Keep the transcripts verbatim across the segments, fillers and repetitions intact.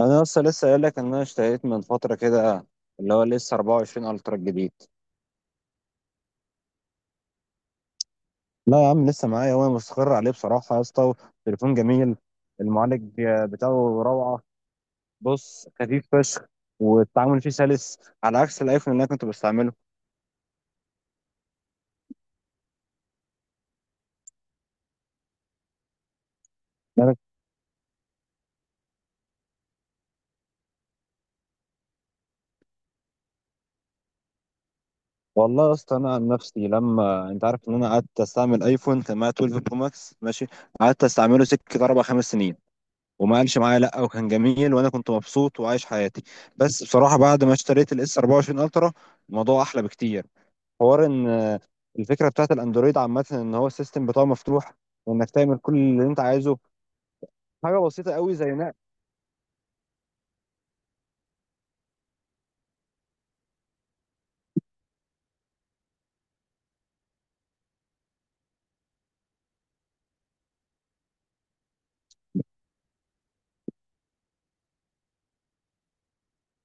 انا لسه لسه قايل لك ان انا اشتريت من فتره كده. اللي هو لسه أربعة وعشرين الترا الجديد. لا يا عم، لسه معايا وانا مستقر عليه بصراحه يا اسطى. تليفون جميل، المعالج بتاعه روعه. بص، خفيف فشخ، والتعامل فيه سلس، على عكس الايفون اللي انا كنت بستعمله. أنا- والله يا اسطى، انا عن نفسي، لما انت عارف ان انا قعدت استعمل ايفون تمانية اثني عشر برو ماكس، ماشي؟ قعدت استعمله سكه اربع خمس سنين، وما قالش معايا لا، وكان جميل وانا كنت مبسوط وعايش حياتي. بس بصراحه بعد ما اشتريت الاس أربعة وعشرين الترا، الموضوع احلى بكتير. حوار ان آه، الفكره بتاعت الاندرويد عامه ان هو السيستم بتاعه مفتوح، وانك تعمل كل اللي انت عايزه. حاجه بسيطه قوي زي نقل.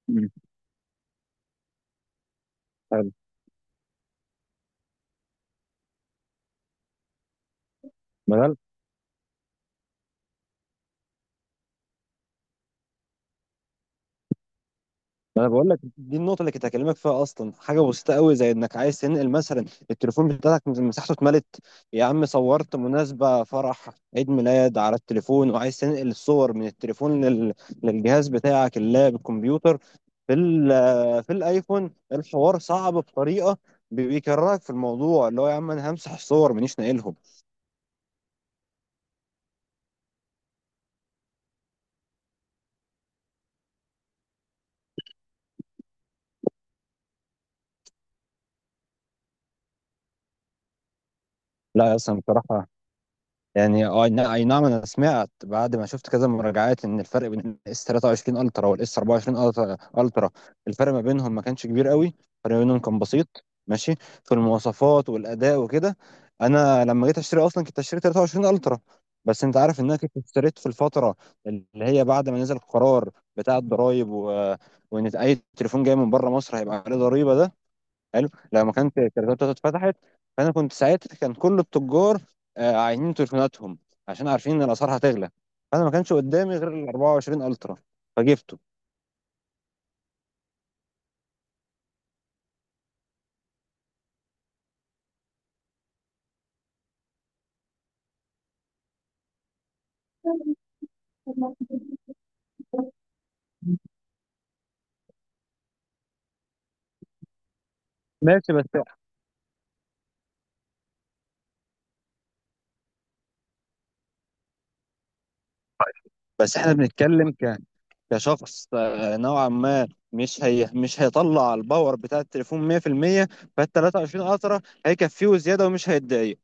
مم. حلو. ما انا بقول لك، دي النقطه اللي كنت هكلمك فيها اصلا. حاجه بسيطه قوي زي انك عايز تنقل مثلا، التليفون بتاعك مساحته اتملت، يا عم صورت مناسبه، فرح، عيد ميلاد على التليفون، وعايز تنقل الصور من التليفون لل... للجهاز بتاعك، اللاب، الكمبيوتر. في ال... في الايفون الحوار صعب بطريقه، بي- بيكرهك في الموضوع، اللي هو يا عم، انا همسح الصور مانيش ناقلهم. لا يا اسطى بصراحه، يعني اه نا- اي نعم، انا سمعت بعد ما شفت كذا مراجعات ان الفرق بين الاس تلاتة وعشرين الترا والاس أربعة وعشرين الترا الترا الفرق ما بينهم ما كانش كبير قوي، الفرق ما بينهم كان بسيط، ماشي، في المواصفات والاداء وكده. انا لما جيت اشتري اصلا كنت اشتري ثلاثة وعشرين الترا، بس انت عارف ان انا كنت اشتريت في الفتره اللي هي بعد ما نزل القرار بتاع الضرايب و... وان اي تليفون جاي من بره مصر هيبقى عليه ضريبه ده، حلو، لما كانت الشركات بتاعته اتفتحت. فانا كنت ساعتها، كان كل التجار آه، عاينين تليفوناتهم عشان عارفين ان الاسعار هتغلى، فانا ما كانش قدامي غير ال أربعة وعشرين الترا فجبته. ماشي بس بس احنا بنتكلم ك... كشخص، آه، نوعا ما، مش هي مش هيطلع الباور بتاع التليفون ميه في الميه، فال تلاتة وعشرين الترا هيكفيه زياده ومش هيتضايق.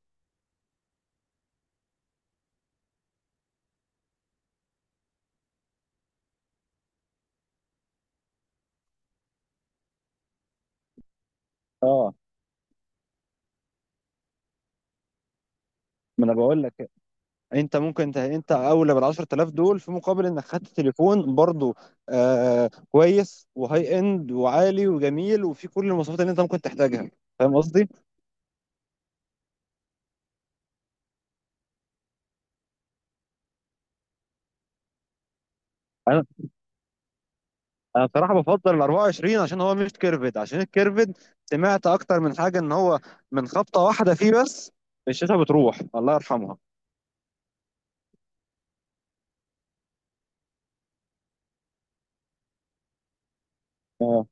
اه، ما انا بقول لك، انت ممكن، انت انت اولى بال عشرة آلاف دول في مقابل انك خدت تليفون برضو، آه كويس وهاي اند وعالي وجميل وفي كل المواصفات اللي انت ممكن تحتاجها. فاهم قصدي؟ انا انا بصراحه بفضل ال أربعة وعشرين عشان هو مش كيرفد، عشان الكيرفد سمعت اكتر من حاجه ان هو من خبطه واحده فيه بس الشاشه بتروح الله يرحمها. اه،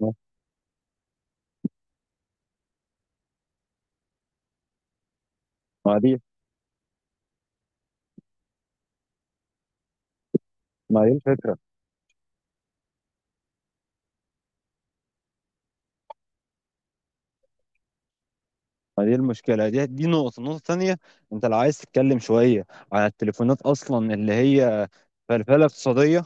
ما ما دي ما دي الفكره، ما دي المشكله، دي دي نقطه النقطه الثانيه. انت لو عايز تتكلم شويه على التليفونات اصلا اللي هي فلفله اقتصاديه،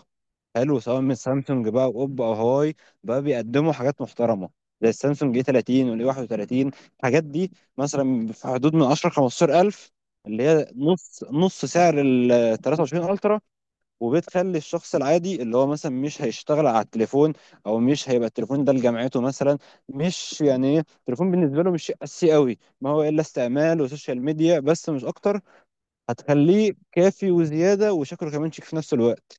حلو، سواء من سامسونج بقى واوب او هواوي، بقى بيقدموا حاجات محترمه زي السامسونج اي تلاتين والاي واحد وتلاتين، الحاجات دي مثلا في حدود من عشرة خمسة عشر ألف، اللي هي نص نص سعر ال تلاتة وعشرين الترا، وبتخلي الشخص العادي اللي هو مثلا مش هيشتغل على التليفون، او مش هيبقى التليفون ده لجامعته مثلا، مش يعني ايه، التليفون بالنسبه له مش شيء اساسي قوي، ما هو الا استعمال وسوشيال ميديا بس مش اكتر، هتخليه كافي وزياده وشكله كمان شيك في نفس الوقت.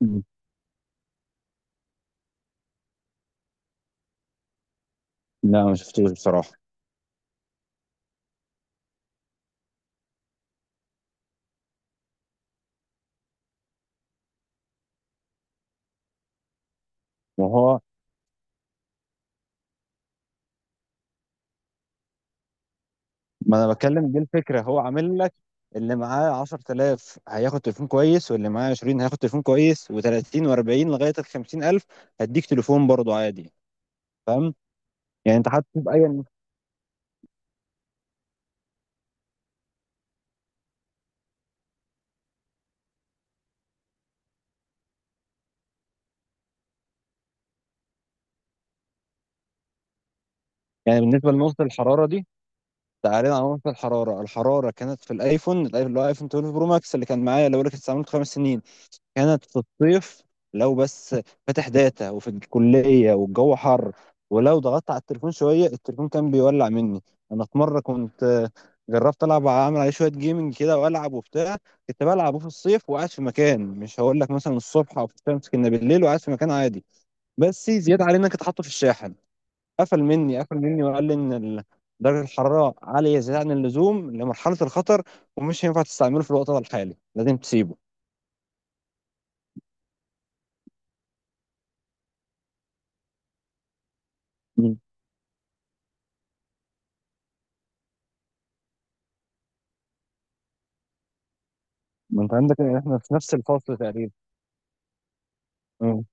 لا، ما شفتوش بصراحة. وهو، ما انا بتكلم، دي الفكرة، هو عامل لك اللي معاه عشرة آلاف هياخد تليفون كويس، واللي معاه عشرين هياخد تليفون كويس، و30 و40 لغاية ال خمسين ألف، هديك تليفون برضه عادي. فاهم؟ يعني انت حتى بأي. يعني بالنسبة لنقطة الحرارة دي، تعالى على نقطة الحرارة، الحرارة كانت في الايفون الايفون اللي هو ايفون اتناشر برو ماكس اللي كان معايا، اللي بقول لك استعملته خمس سنين، كانت في الصيف لو بس فاتح داتا وفي الكلية والجو حر، ولو ضغطت على التليفون شوية التليفون كان بيولع مني. أنا في مرة كنت آه، جربت ألعب، أعمل عليه شوية جيمنج كده، وألعب وبتاع، كنت بلعبه في الصيف وقاعد في مكان، مش هقول لك مثلا الصبح أو في الشمس، كنا بالليل وقاعد في مكان عادي، بس زيادة علينا كنت حاطه في الشاحن، قفل مني، قفل مني، وقال لي إن ال- درجة الحرارة عالية زيادة عن اللزوم لمرحلة الخطر، ومش هينفع تستعمله في الوقت ده الحالي، لازم تسيبه. ما انت عندك، احنا في نفس الفصل تقريبا. مم.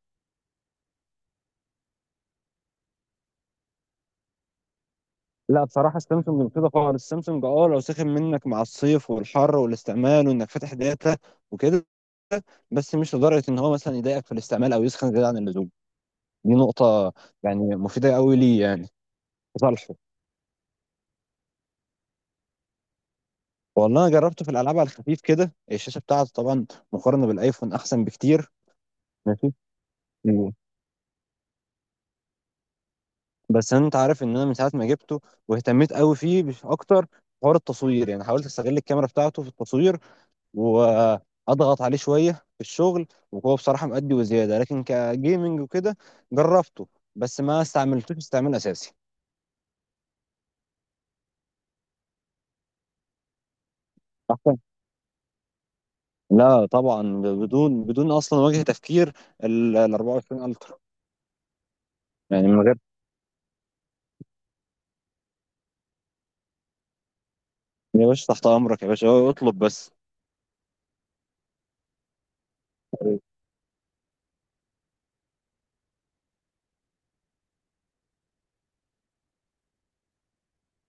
لا بصراحة السامسونج كده خالص، السامسونج اه لو سخن منك مع الصيف والحر والاستعمال وانك فاتح داتا وكده، بس مش لدرجة ان هو مثلا يضايقك في الاستعمال او يسخن زيادة عن اللزوم، دي نقطة يعني مفيدة قوي ليه، يعني لصالحه. والله انا جربته في الالعاب على الخفيف كده، الشاشة بتاعته طبعا مقارنة بالايفون احسن بكتير. ماشي. مم. بس انت عارف ان انا من ساعة ما جبته واهتميت قوي فيه بش- اكتر، حوار التصوير، يعني حاولت استغل الكاميرا بتاعته في التصوير، واضغط عليه شويه في الشغل، وهو بصراحه مأدي وزياده، لكن كجيمنج وكده جربته، بس ما استعملتوش استعمال اساسي. أحسن. لا طبعا، بدون بدون اصلا وجه تفكير، ال ال أربعة وعشرين الترا، يعني من غير. يا باشا تحت امرك، يا باشا، هو اطلب بس.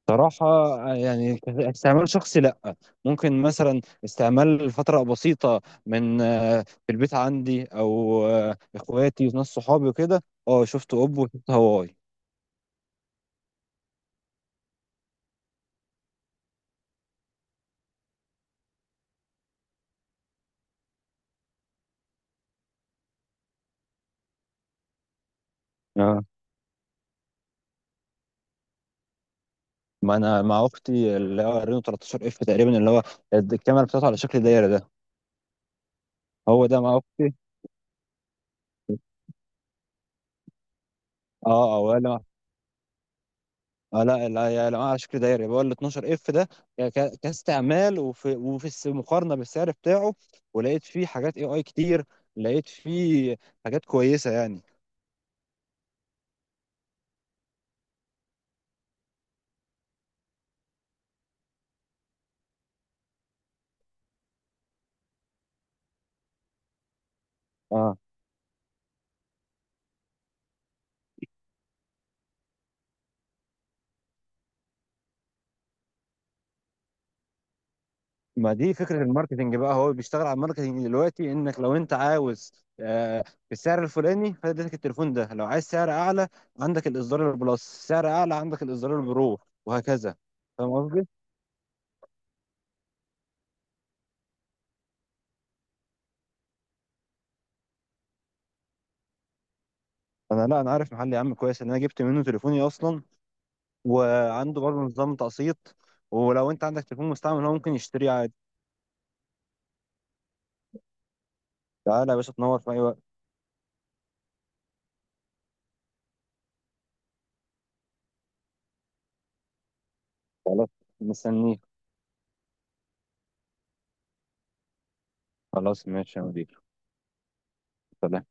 صراحة، يعني استعمال شخصي لا، ممكن مثلا استعمال لفترة بسيطة، من آه، في البيت عندي، او آه، اخواتي وناس صحابي وكده. اه، شفت اوبو وشفت هواوي. ما انا مع اختي اللي هو رينو تلتاشر اف تقريبا، اللي هو الكاميرا بتاعته على شكل دايره ده. هو ده مع اختي. اه اه، ولا، آه لا لا، يا لا، على شكل دايره يبقى ال اتناشر اف ده، ك- ك- كاستعمال وفي وفي الس- مقارنه بالسعر بتاعه، ولقيت فيه حاجات اي اي كتير، لقيت فيه حاجات كويسه يعني. اه، ما دي فكرة الماركتينج بقى، هو بيشتغل على الماركتينج دلوقتي، انك لو انت عاوز آه، بالسعر الفلاني فادتك التليفون ده، لو عايز سعر اعلى عندك الاصدار البلس، سعر اعلى عندك الاصدار البرو، وهكذا. فاهم قصدي؟ انا، لا، انا عارف محل يا عم كويس ان انا جبت منه تليفوني اصلا، وعنده برضه نظام تقسيط، ولو انت عندك تليفون مستعمل هو ممكن يشتريه عادي. تعالى يا باشا، تنور في اي وقت. خلاص، مستنيك. خلاص ماشي يا مدير. سلام.